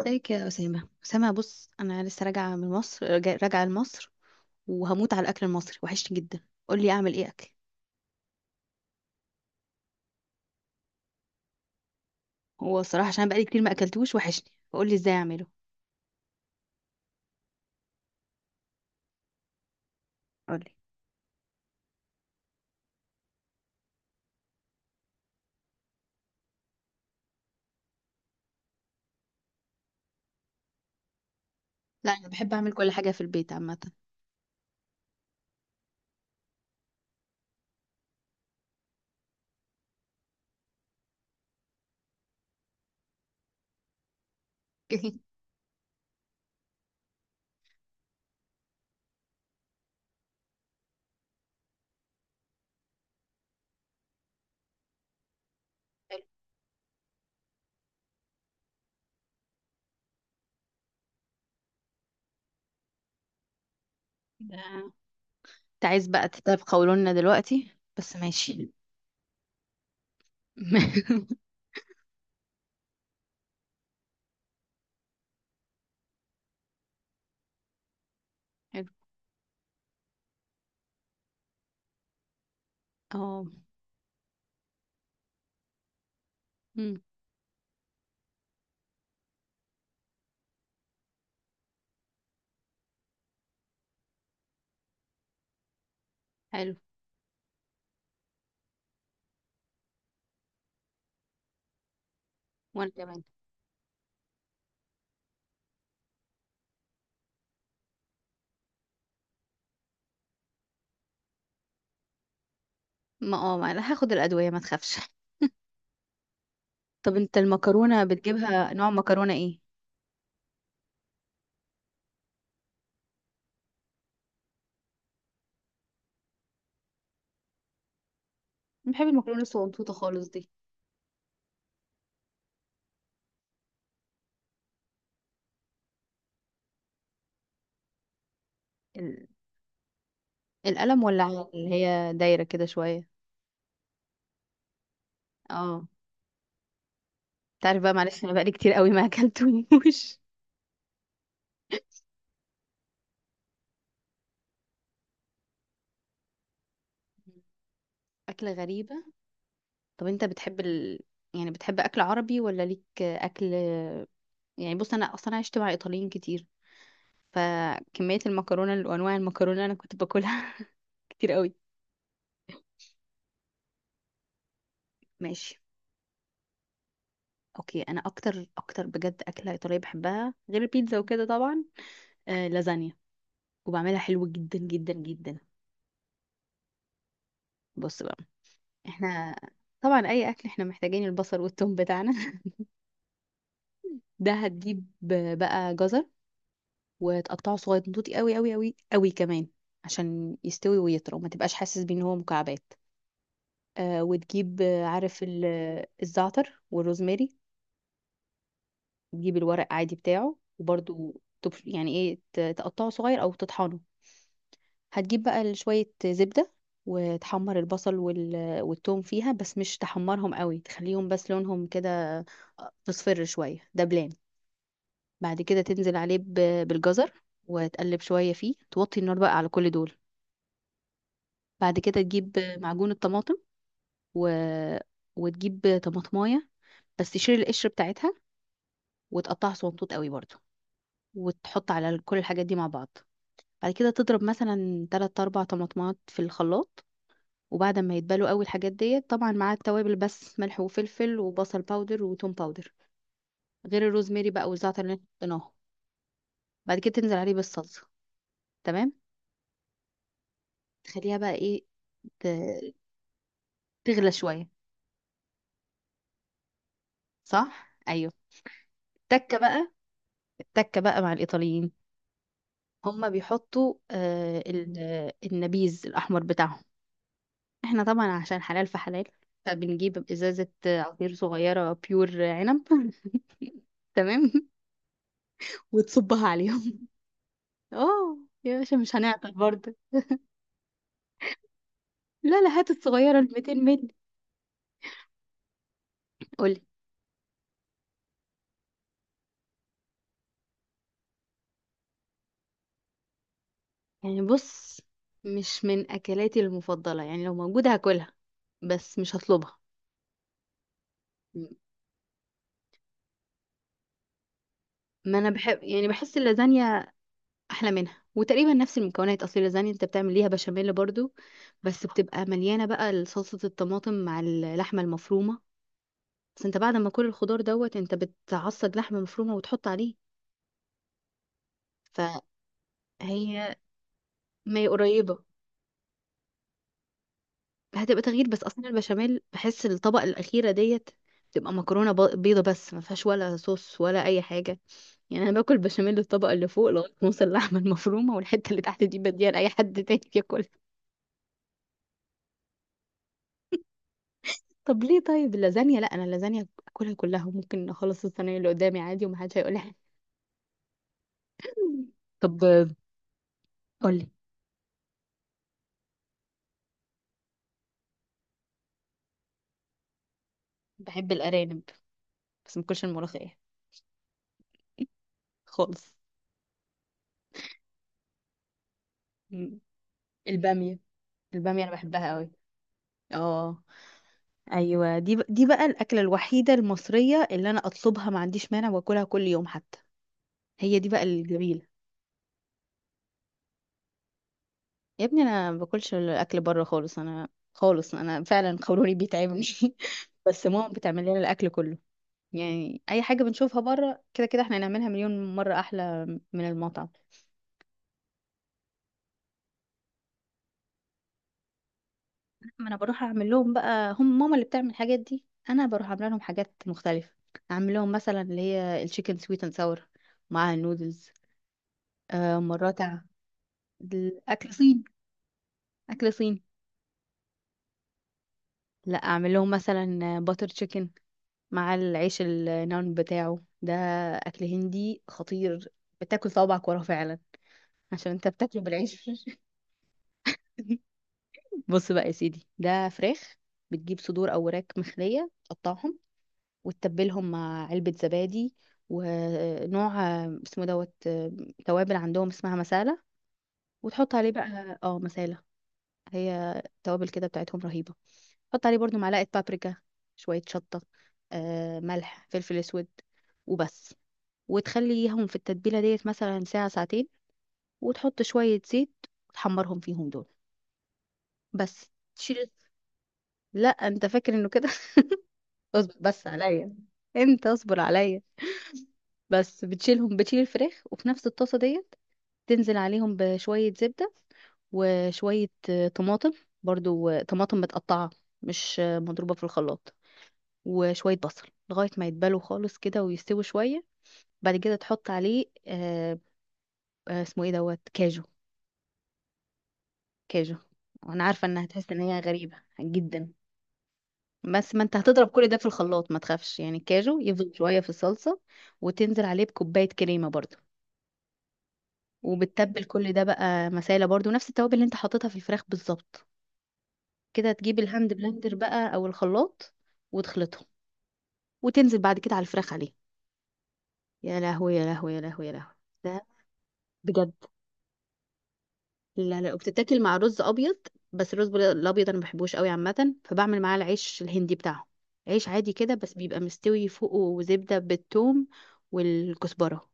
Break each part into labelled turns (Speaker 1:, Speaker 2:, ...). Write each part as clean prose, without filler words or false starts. Speaker 1: ازيك يا أسامة. أسامة بص، أنا لسه راجعة من مصر. راجعة لمصر وهموت على الأكل المصري، وحشني جدا. قولي أعمل إيه أكل. هو الصراحة عشان بقالي كتير ما أكلتوش وحشني، فقولي إزاي أعمله. قولي. لا، أنا بحب أعمل كل حاجة في البيت عامة. حلو. ده- أنت عايز بقى تطيب قولولنا دلوقتي، بس ماشي. حلو. اه. أمم، حلو. وأنا كمان. ما أنا هاخد الأدوية، ما تخافش. طب أنت المكرونة بتجيبها نوع مكرونة إيه؟ أنا بحب المكرونة الصغنطوطة خالص. دي القلم، ولا على اللي هي دايرة كده شوية؟ اه. تعرف بقى معلش، انا بقالي كتير قوي ما اكلتوش. أكلة غريبة. طب انت بتحب يعني بتحب أكل عربي ولا ليك أكل؟ يعني بص، أنا أصلا عشت مع إيطاليين كتير، فكمية المكرونة وأنواع المكرونة اللي أنا كنت باكلها كتير قوي. ماشي. أوكي، أنا أكتر أكتر بجد أكلة إيطالية بحبها غير البيتزا وكده طبعا، آه، لازانيا. وبعملها حلو جدا جدا جدا. بص بقى، احنا طبعا اي اكل احنا محتاجين البصل والثوم بتاعنا. ده هتجيب بقى جزر وتقطعه صغير، نضوطي قوي قوي قوي قوي كمان، عشان يستوي ويطرى وما تبقاش حاسس بيه ان هو مكعبات. آه وتجيب، عارف الزعتر والروزماري. تجيب الورق عادي بتاعه وبرده، يعني ايه تقطعه صغير او تطحنه. هتجيب بقى شوية زبدة وتحمر البصل والثوم فيها، بس مش تحمرهم قوي، تخليهم بس لونهم كده تصفر شوية دبلان. بعد كده تنزل عليه بالجزر وتقلب شوية فيه، توطي النار بقى على كل دول. بعد كده تجيب معجون الطماطم و... وتجيب طماطماية، بس تشيل القشر بتاعتها وتقطعها صغنطوط قوي برضو، وتحط على كل الحاجات دي مع بعض. بعد كده تضرب مثلا 3 4 طماطمات في الخلاط، وبعد ما يتبلوا قوي الحاجات ديت طبعا مع التوابل بس ملح وفلفل وبصل باودر وتوم باودر، غير الروزماري بقى والزعتر اللي إحنا حطيناهم. بعد كده تنزل عليه بالصلصة. تمام. تخليها بقى ايه، ت- تغلى شوية. صح، ايوه. التكة بقى، التكة بقى مع الايطاليين، هما بيحطوا النبيذ الاحمر بتاعهم. احنا طبعا عشان حلال فحلال، فبنجيب ازازة عصير صغيرة بيور عنب. تمام. وتصبها عليهم. اه. يا باشا، مش هنعطل برضه. لا لا، هات الصغيرة ال 200 مللي. قولي. يعني بص، مش من اكلاتي المفضلة، يعني لو موجودة هاكلها بس مش هطلبها. ما انا بحب يعني بحس اللازانيا احلى منها، وتقريبا نفس المكونات. اصل اللازانيا انت بتعمل ليها بشاميل برضو، بس بتبقى مليانه بقى صلصه الطماطم مع اللحمه المفرومه، بس انت بعد ما كل الخضار دوت انت بتعصج لحمه مفرومه وتحط عليه. فهي ما هي قريبه. هتبقى تغيير بس اصلا البشاميل بحس الطبقه الاخيره ديت بتبقى مكرونه بيضه بس ما فيهاش ولا صوص ولا اي حاجه، يعني انا باكل بشاميل الطبقه اللي فوق لغايه ما اوصل اللحمه المفرومه، والحته اللي تحت دي بديها لاي حد تاني ياكل. طب ليه؟ طيب اللازانيا لا، انا اللازانيا اكلها كلها، ممكن اخلص الصينيه اللي قدامي عادي ومحدش هيقول لي حاجه. طب. قولي. بحب الارانب بس ما باكلش الملوخيه. خالص. مم. الباميه. الباميه انا بحبها قوي. اه. ايوه، دي دي بقى الاكله الوحيده المصريه اللي انا اطلبها، ما عنديش مانع واكلها كل يوم حتى. هي دي بقى الجميله. يا ابني، انا ما باكلش الاكل بره خالص. انا خالص، انا فعلا قولوني بيتعبني. بس ماما بتعمل لنا الاكل كله. يعني اي حاجه بنشوفها بره كده كده احنا هنعملها مليون مره احلى من المطعم. ما انا بروح اعمل لهم بقى، هم ماما اللي بتعمل الحاجات دي، انا بروح اعمل لهم حاجات مختلفه. اعمل لهم مثلا اللي هي التشيكن سويت اند ساور مع النودلز. آه مرات أع- الاكل صيني. اكل صيني. لا، اعمل لهم مثلا باتر تشيكن مع العيش النان بتاعه ده. اكل هندي خطير، بتاكل صوابعك وراه فعلا، عشان انت بتاكله بالعيش. بص بقى يا سيدي، ده فراخ. بتجيب صدور او وراك مخليه تقطعهم وتتبلهم مع علبه زبادي. ونوع اسمه دوت توابل عندهم اسمها مسالة. وتحط عليه بقى اه مسالة. هي توابل كده بتاعتهم رهيبة. حط عليه برضو معلقة بابريكا، شوية شطة، ملح فلفل اسود وبس. وتخليهم في التتبيلة ديت مثلا ساعة ساعتين. وتحط شوية زيت وتحمرهم فيهم دول. بس تشيل. لا، انت فاكر انه كده؟ اصبر بس عليا، انت اصبر عليا. بس بتشيلهم، بتشيل الفراخ، وفي نفس الطاسه ديت تنزل عليهم بشويه زبده وشويه طماطم برضو، طماطم متقطعه مش مضروبه في الخلاط، وشويه بصل لغايه ما يتبلوا خالص كده ويستوي شويه. بعد كده تحط عليه آه، اسمه ايه دوت كاجو. كاجو. انا عارفه انها هتحس ان هي غريبه جدا، بس ما انت هتضرب كل ده في الخلاط ما تخافش، يعني الكاجو يفضل شويه في الصلصه. وتنزل عليه بكوبايه كريمه برضو. وبتتبل كل ده بقى مسالة برضو، نفس التوابل اللي انت حاططها في الفراخ بالظبط. كده تجيب الهاند بلندر بقى او الخلاط وتخلطهم، وتنزل بعد كده على الفراخ عليه. يا لهوي يا لهوي يا لهوي يا لهوي. ده بجد. لا لا، وبتتاكل مع رز ابيض، بس الرز الابيض انا ما بحبوش قوي عامه، فبعمل معاه العيش الهندي بتاعهم. عيش عادي كده بس بيبقى مستوي فوقه زبده بالثوم والكزبره.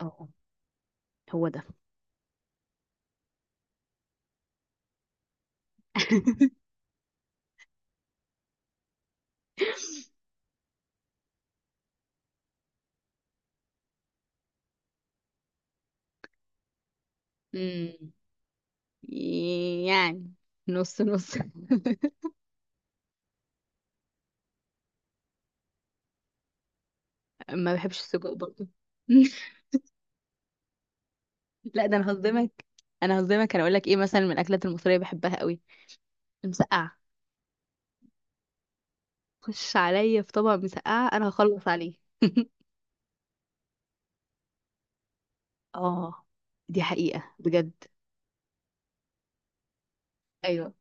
Speaker 1: اه، هو ده. مم. يعني نص نص. ما بحبش السجق برضه. لا، ده انا هصدمك، انا هصدمك. انا اقول لك ايه مثلا من الاكلات المصريه بحبها قوي: المسقعه. خش عليا في طبق مسقعه انا هخلص عليه. اه، دي حقيقه بجد. ايوه،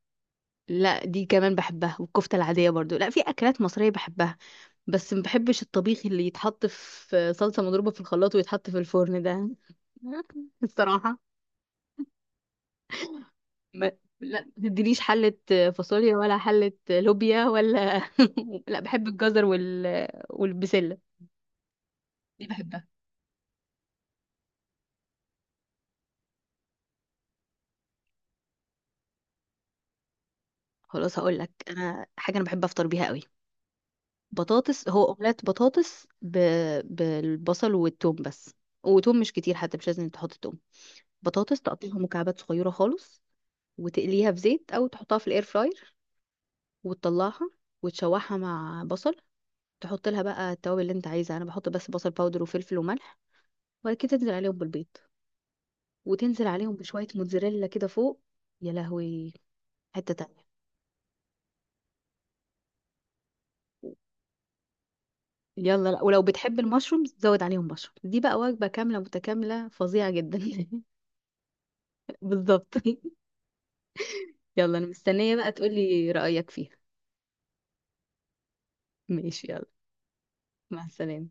Speaker 1: لا دي كمان بحبها، والكفته العاديه برضو. لا في اكلات مصريه بحبها، بس ما بحبش الطبيخ اللي يتحط في صلصه مضروبه في الخلاط ويتحط في الفرن ده. الصراحه. ما... لا ما تديليش حلة فاصوليا ولا حلة لوبيا ولا لا بحب الجزر والبسلة، دي بحبها. خلاص هقول لك، انا حاجة انا بحب افطر بيها قوي. بطاطس، هو اومليت بطاطس بالبصل والثوم بس. وتوم مش كتير حتى، مش لازم تحط توم. بطاطس تقطعها مكعبات صغيرة خالص، وتقليها في زيت او تحطها في الاير فراير، وتطلعها وتشوحها مع بصل. تحط لها بقى التوابل اللي انت عايزها، انا بحط بس بصل باودر وفلفل وملح. وبعد كده تنزل عليهم بالبيض، وتنزل عليهم بشوية موتزاريلا كده فوق. يا لهوي. حتة تانية. يلا، لا ولو بتحب المشروم زود عليهم مشروم، دي بقى وجبة كاملة متكاملة فظيعة جدا. بالظبط. يلا انا مستنية بقى تقولي رأيك فيها. ماشي، يلا. مع السلامة.